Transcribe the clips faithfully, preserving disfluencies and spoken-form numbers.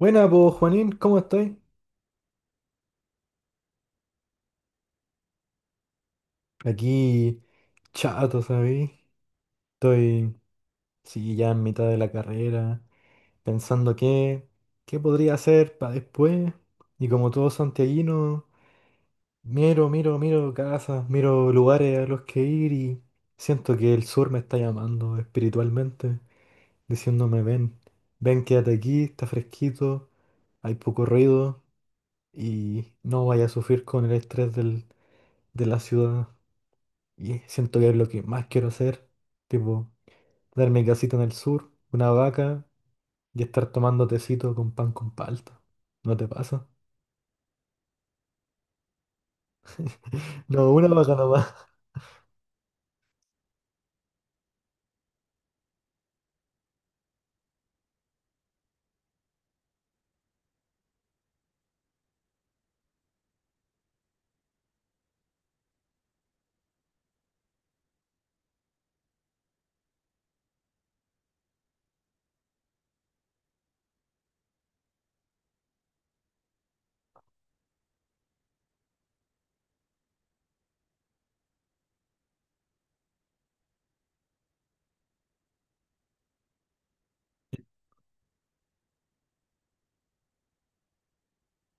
Buena, pues Juanín, ¿cómo estoy? Aquí chato, ¿sabéis? Estoy, sí, ya en mitad de la carrera, pensando qué, qué podría hacer para después. Y como todo santiaguino, miro, miro, miro casas, miro lugares a los que ir y siento que el sur me está llamando espiritualmente, diciéndome, ven, ven, quédate aquí, está fresquito, hay poco ruido y no vaya a sufrir con el estrés del, de la ciudad. Y siento que es lo que más quiero hacer. Tipo, darme casita en el sur, una vaca y estar tomando tecito con pan con palta. ¿No te pasa? No, una vaca nomás.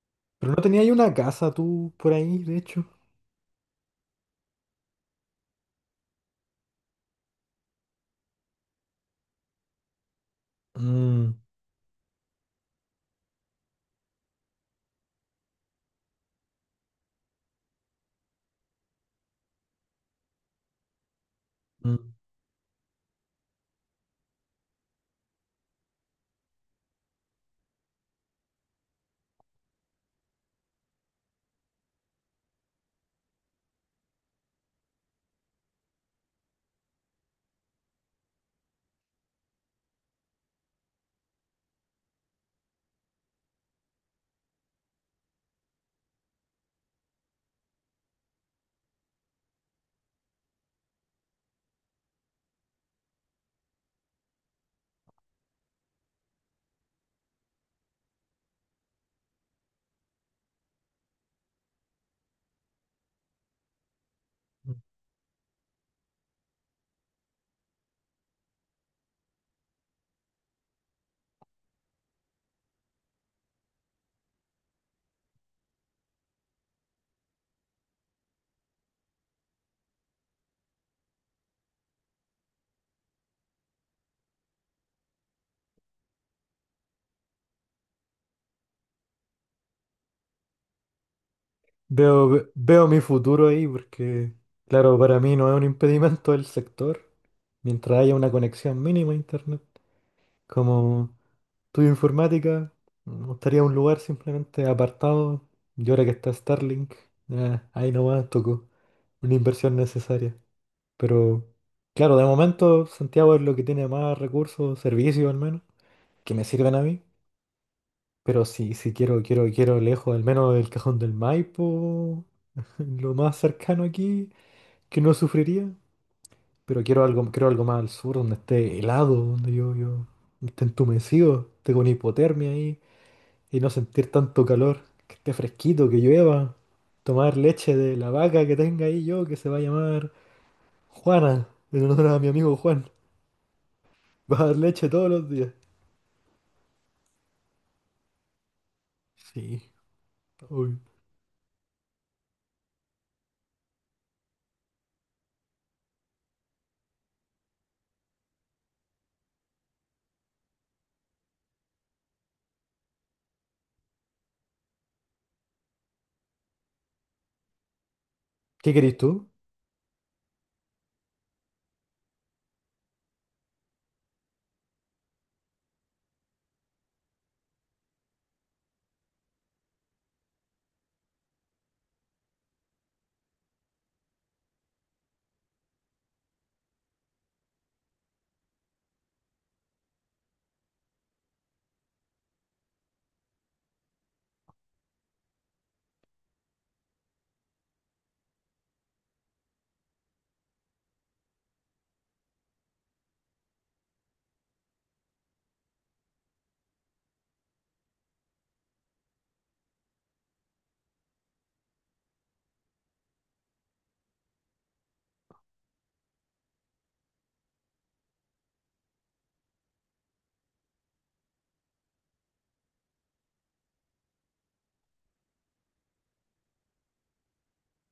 Pero no tenía ahí una casa tú por ahí, de hecho. Mm, mm, mm. Veo, ve- veo mi futuro ahí porque, claro, para mí no es un impedimento el sector. Mientras haya una conexión mínima a internet. Como estudio informática, me gustaría un lugar simplemente apartado. Y ahora que está Starlink, eh, ahí nomás tocó una inversión necesaria. Pero claro, de momento Santiago es lo que tiene más recursos, servicios al menos, que me sirven a mí. Pero si, si quiero, quiero, quiero lejos, al menos el Cajón del Maipo, lo más cercano aquí, que no sufriría. Pero quiero algo, quiero algo más al sur, donde esté helado, donde yo, yo esté entumecido, tengo una hipotermia ahí. Y no sentir tanto calor, que esté fresquito, que llueva, tomar leche de la vaca que tenga ahí yo, que se va a llamar Juana, en honor a mi amigo Juan. Va a dar leche todos los días. Sí, uy. ¿Qué querés tú?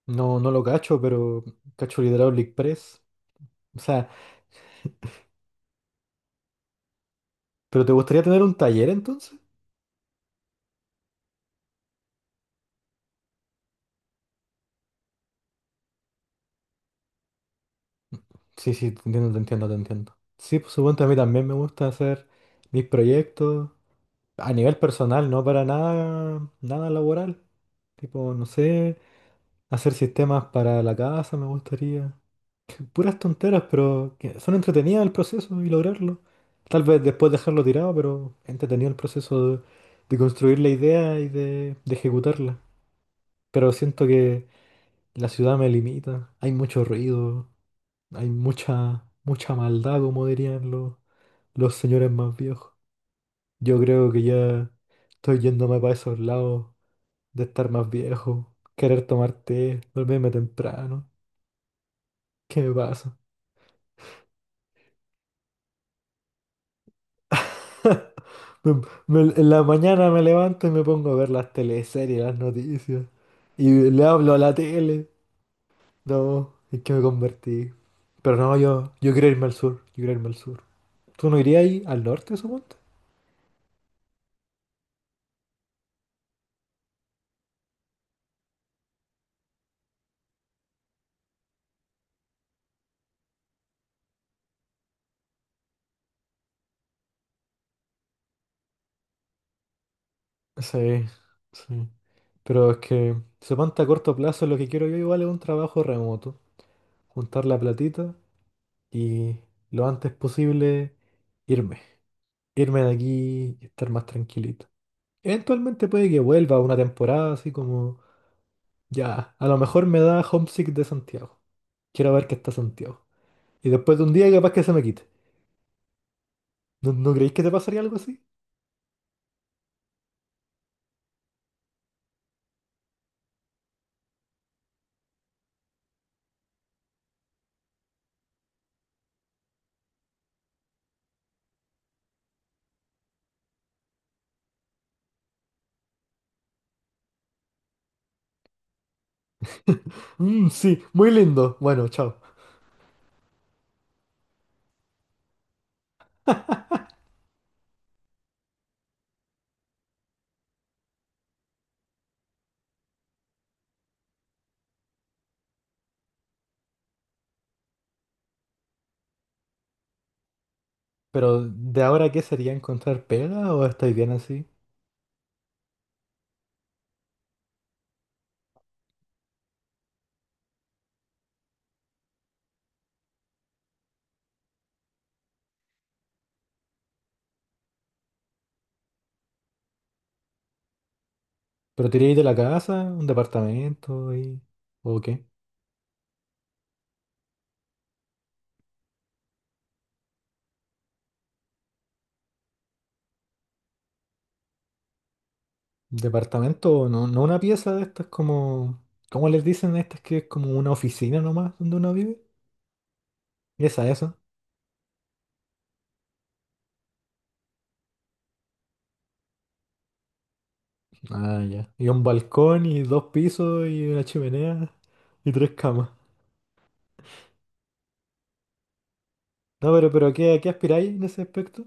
No, no lo cacho, pero cacho el Hydraulic Press. O sea, ¿pero te gustaría tener un taller entonces? Sí, sí, te entiendo, te entiendo, te entiendo. Sí, por supuesto, a mí también me gusta hacer mis proyectos a nivel personal, no para nada, nada laboral. Tipo, no sé. Hacer sistemas para la casa me gustaría. Puras tonteras, pero que son entretenidas el proceso y lograrlo. Tal vez después dejarlo tirado, pero entretenido el proceso de, de construir la idea y de, de ejecutarla. Pero siento que la ciudad me limita. Hay mucho ruido, hay mucha, mucha maldad, como dirían los, los señores más viejos. Yo creo que ya estoy yéndome para esos lados de estar más viejo, querer tomar té, dormirme temprano. ¿Qué me pasa? Me- me- en la mañana me levanto y me pongo a ver las teleseries, las noticias. Y le hablo a la tele. No, es que me convertí. Pero no, yo, yo quiero irme al sur. Yo quiero irme al sur. ¿Tú no irías ahí al norte, suponte? Sí, sí. Pero es que, suponte a corto plazo, lo que quiero yo igual es un trabajo remoto. Juntar la platita y lo antes posible irme. Irme de aquí y estar más tranquilito. Eventualmente puede que vuelva una temporada así como. Ya, a lo mejor me da homesick de Santiago. Quiero ver qué está Santiago. Y después de un día capaz que se me quite. ¿No, no creéis que te pasaría algo así? Mm, sí, muy lindo. Bueno, chao. Pero ¿de ahora qué sería encontrar pega o estáis bien así? ¿Pero te iríais de la casa, un departamento y... ¿O qué? Departamento, no, no una pieza de estas como... ¿Cómo les dicen a estas que es como una oficina nomás donde uno vive? Esa, esa. Ah, ya. Y un balcón y dos pisos y una chimenea y tres camas. No, pero, pero ¿a qué, a qué aspiráis en ese aspecto?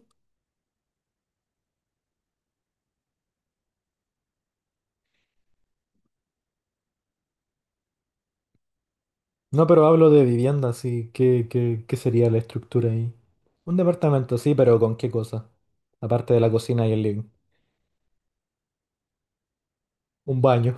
No, pero hablo de vivienda, sí. ¿Qué, qué, qué sería la estructura ahí? Un departamento, sí, pero ¿con qué cosa? Aparte de la cocina y el living. Un baño.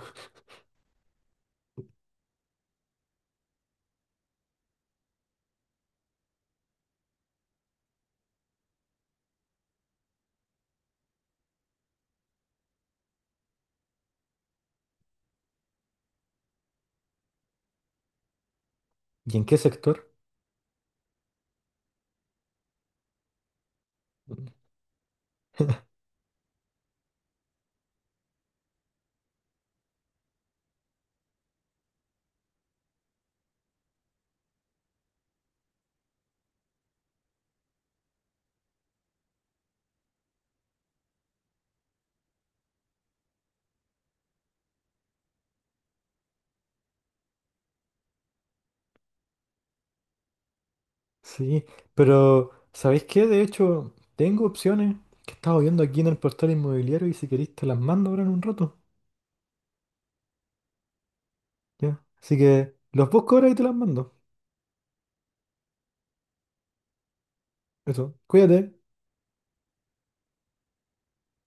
¿Y en qué sector? Sí, pero ¿sabéis qué? De hecho, tengo opciones que estaba viendo aquí en el portal inmobiliario y si queréis te las mando ahora en un rato. Ya. Así que los busco ahora y te las mando. Eso. Cuídate.